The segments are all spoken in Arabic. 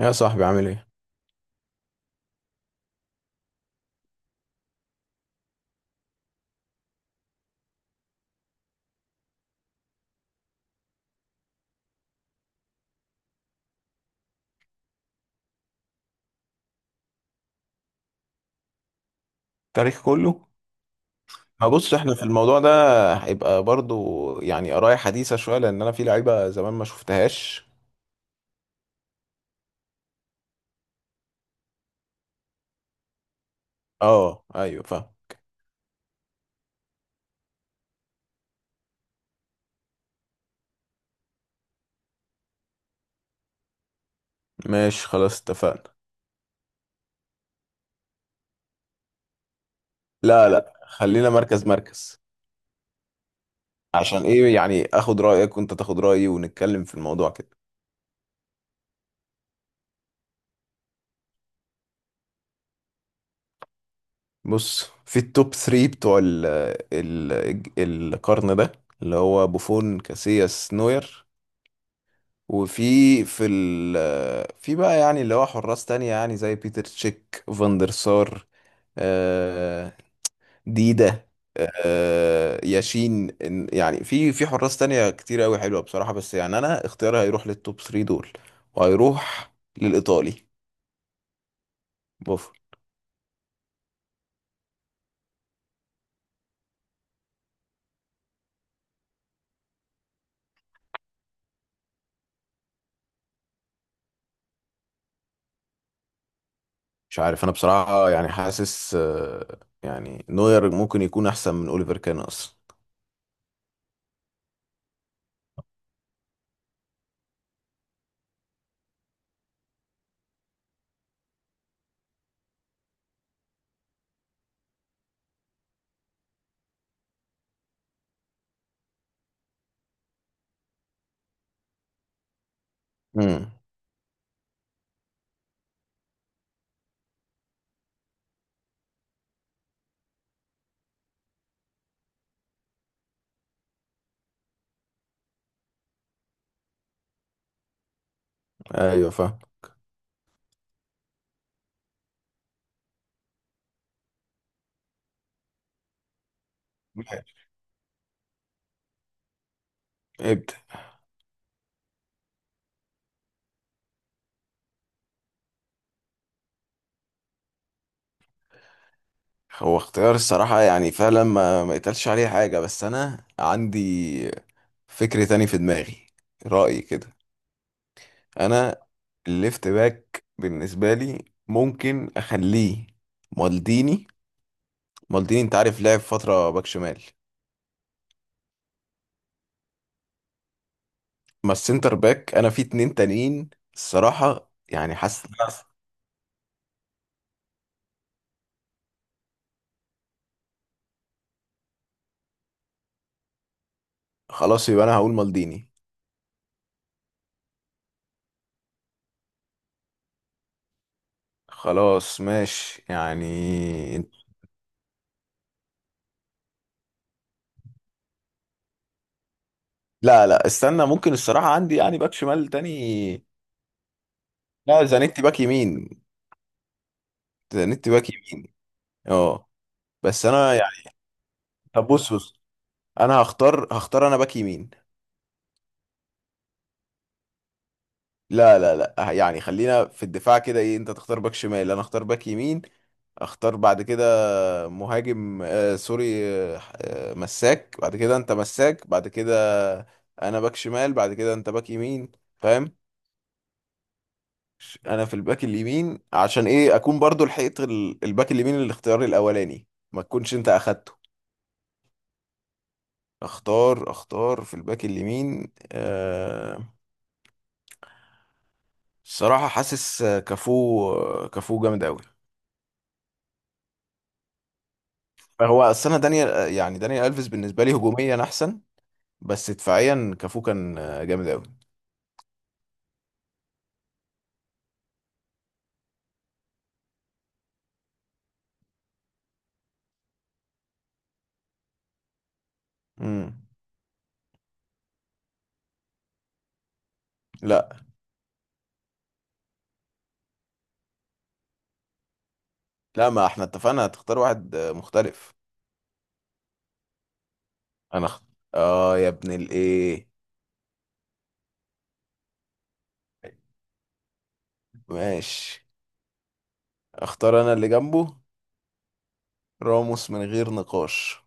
يا صاحبي، عامل ايه؟ التاريخ كله. ما بص، احنا في الموضوع ده هيبقى برضو يعني قراية حديثة شوية، لأن أنا في لعيبة زمان ما شفتهاش. اه، أيوه، فاهم. ماشي، خلاص، اتفقنا. لا لا، خلينا مركز مركز. عشان ايه؟ يعني اخد رأيك وانت تاخد رأيي ونتكلم في الموضوع كده. بص، في التوب 3 بتوع ال القرن ده، اللي هو بوفون، كاسياس، نوير. وفي في ال في بقى، يعني اللي هو حراس تانية، يعني زي بيتر تشيك، فاندر سار، آه، ديدا، ياشين. يعني في حراس تانية كتير قوي حلوة بصراحة، بس يعني انا اختياري هيروح للتوب 3 دول، وهيروح للإيطالي بوفون. مش عارف انا بصراحة، يعني حاسس، يعني نوير ممكن يكون احسن من اوليفر كان اصلا. امم. ايوه، فاهم. ابدأ. هو اختيار الصراحة، يعني فعلا ما يتقالش عليه حاجة، بس أنا عندي فكر تاني في دماغي. رأيي كده. أنا الليفت باك بالنسبة لي ممكن أخليه مالديني. مالديني أنت عارف لعب فترة باك شمال. ما السنتر باك أنا في اتنين تانيين الصراحة، يعني حاسس إن أنا... خلاص، يبقى أنا هقول مالديني. خلاص، ماشي يعني. لا لا، استنى، ممكن الصراحة عندي يعني باك شمال تاني. لا، زانيتي باك يمين، نت باك يمين. اه. بس انا يعني... طب بص بص، انا هختار انا باك يمين. لا لا لا، يعني خلينا في الدفاع كده، ايه، انت تختار باك شمال، انا اختار باك يمين. اختار بعد كده مهاجم. سوري. مساك بعد كده، انت مساك بعد كده. انا باك شمال بعد كده، انت باك يمين. فاهم؟ انا في الباك اليمين عشان ايه؟ اكون برضو لحقت الباك اليمين، الاختيار الاولاني، ما تكونش انت اخدته. اختار في الباك اليمين. الصراحة حاسس كافو كافو جامد قوي. هو اصل انا دانيال، يعني دانيال الفيس بالنسبة لي هجوميا احسن، بس دفاعيا كافو كان جامد قوي. امم. لا لا، ما احنا اتفقنا هتختار واحد مختلف. انا اخت... اه يا ابن الايه. ماشي. اختار انا اللي جنبه، راموس، من غير نقاش.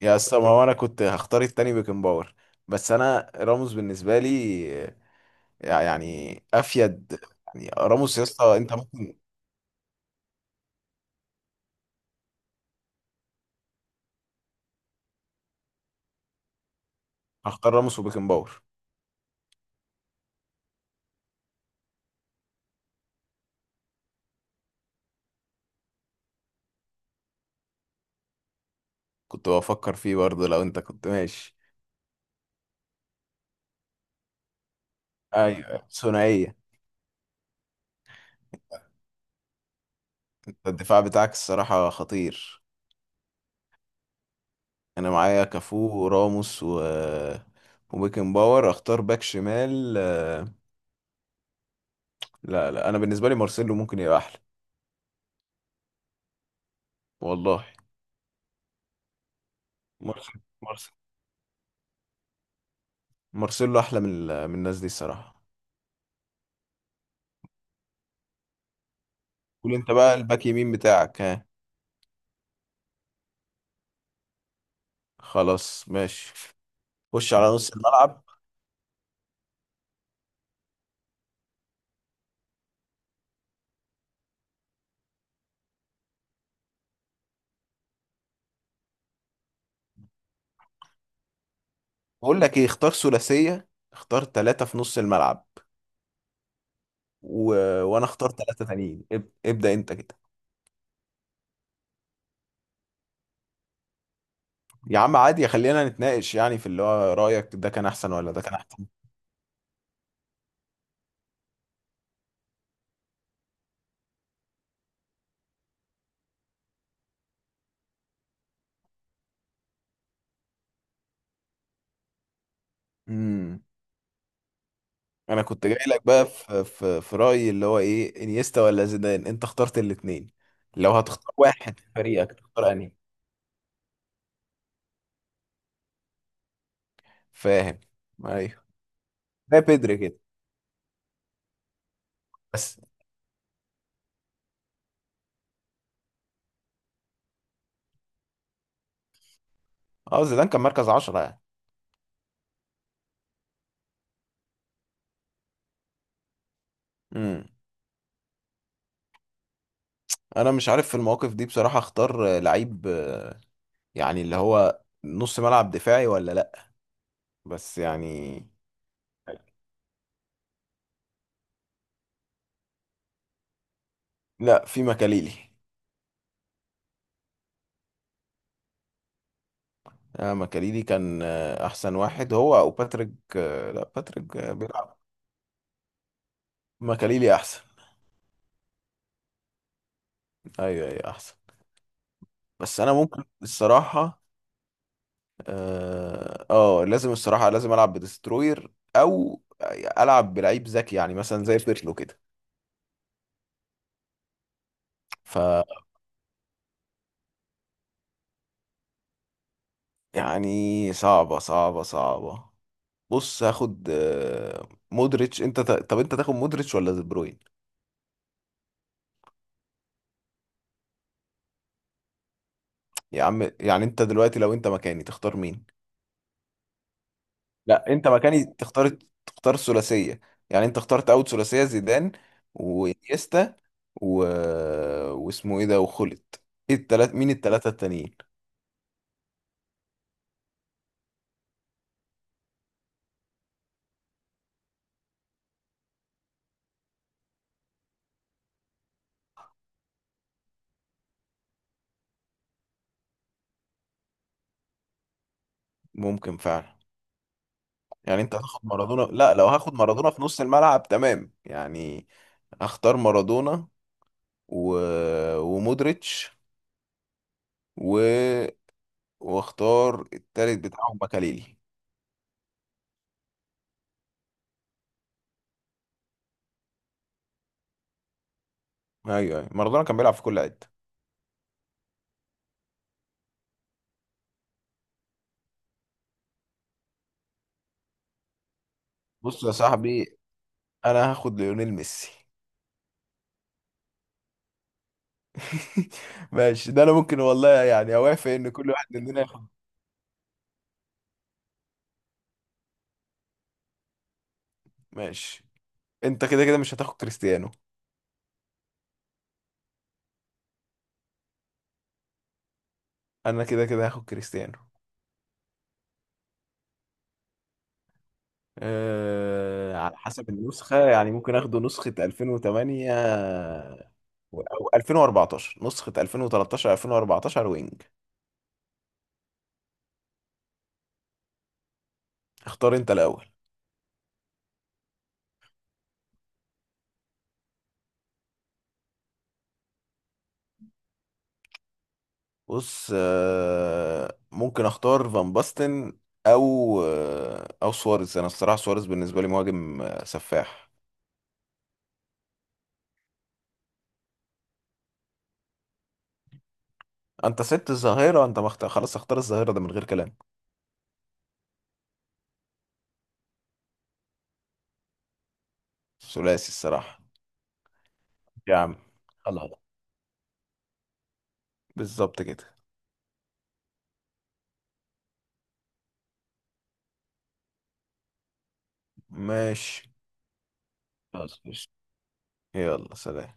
يا اسطى، ما هو انا كنت هختار التاني بيكن باور، بس انا راموس بالنسبة لي يعني افيد. يعني راموس يا اسطى انت ممكن... هختار راموس وبيكن باور. كنت بفكر فيه برضه، لو انت كنت ماشي. ايوه، أيوة. ثنائيه. انت الدفاع بتاعك الصراحه خطير. انا معايا كافو وراموس وبيكن باور. اختار باك شمال. لا لا، انا بالنسبه لي مارسيلو ممكن يبقى احلى. والله، مارسيلو مارسيلو، مارسيلو احلى من من الناس دي الصراحه. قول انت بقى الباك يمين بتاعك، ها. خلاص، ماشي. خش على نص الملعب. بقول لك ايه، اختار ثلاثيه، اختار ثلاثه في نص الملعب، و... وانا اختار ثلاثة تانيين. ابدأ انت كده. يا عم عادي، خلينا نتناقش يعني في اللي هو رأيك، ده كان احسن ولا ده كان احسن. امم. انا كنت جاي لك بقى، في رأيي، اللي هو ايه، انيستا ولا زيدان؟ انت اخترت الاتنين. لو هتختار واحد في فريقك تختار انهي؟ فاهم؟ ايوه، زي بيدري كده. بس اه زيدان كان مركز 10 يعني. امم. انا مش عارف في المواقف دي بصراحة، اختار لعيب يعني اللي هو نص ملعب دفاعي ولا لا. بس يعني... لا، في مكاليلي. ماكاليلي كان احسن واحد، هو او باتريك. لا، باتريك بيلعب. ماكاليلي احسن. ايوه، ايوه، احسن. بس انا ممكن الصراحه لازم الصراحه، لازم العب بدستروير او العب بلعيب ذكي، يعني مثلا زي بيرلو كده. ف يعني صعبه صعبه صعبه. بص، هاخد مودريتش. انت طب انت تاخد مودريتش ولا دي بروين؟ يا عم، يعني انت دلوقتي لو انت مكاني تختار مين؟ لا، انت مكاني تختار. تختار الثلاثيه؟ يعني انت اخترت اول ثلاثيه، زيدان وانيستا و... واسمه ايه ده، وخلت. ايه التلات، مين التلاته التانيين؟ ممكن فعلا. يعني انت هتاخد مارادونا؟ لا لو هاخد مارادونا في نص الملعب تمام يعني. هختار مارادونا و... ومودريتش و... واختار التالت بتاعهم مكاليلي. ايوه، ايوه، مارادونا كان بيلعب في كل حته. بص يا صاحبي، انا هاخد ليونيل ميسي. ماشي، ده انا ممكن والله يعني اوافق، ان كل واحد مننا ياخد. ماشي، انت كده كده مش هتاخد كريستيانو، انا كده كده هاخد كريستيانو. على حسب النسخة، يعني ممكن اخده نسخة 2008 او 2014، نسخة 2013، 2014 وينج. اختار انت الاول. بص، ممكن اختار فان باستن او سواريز. انا الصراحة سواريز بالنسبة لي مهاجم، سفاح. انت سبت الظاهرة، انت خلاص اختار الظاهرة ده من غير كلام. ثلاثي الصراحة. يا عم، خلاص، بالظبط كده. ماشي، خلاص، ماشي. يلا سلام.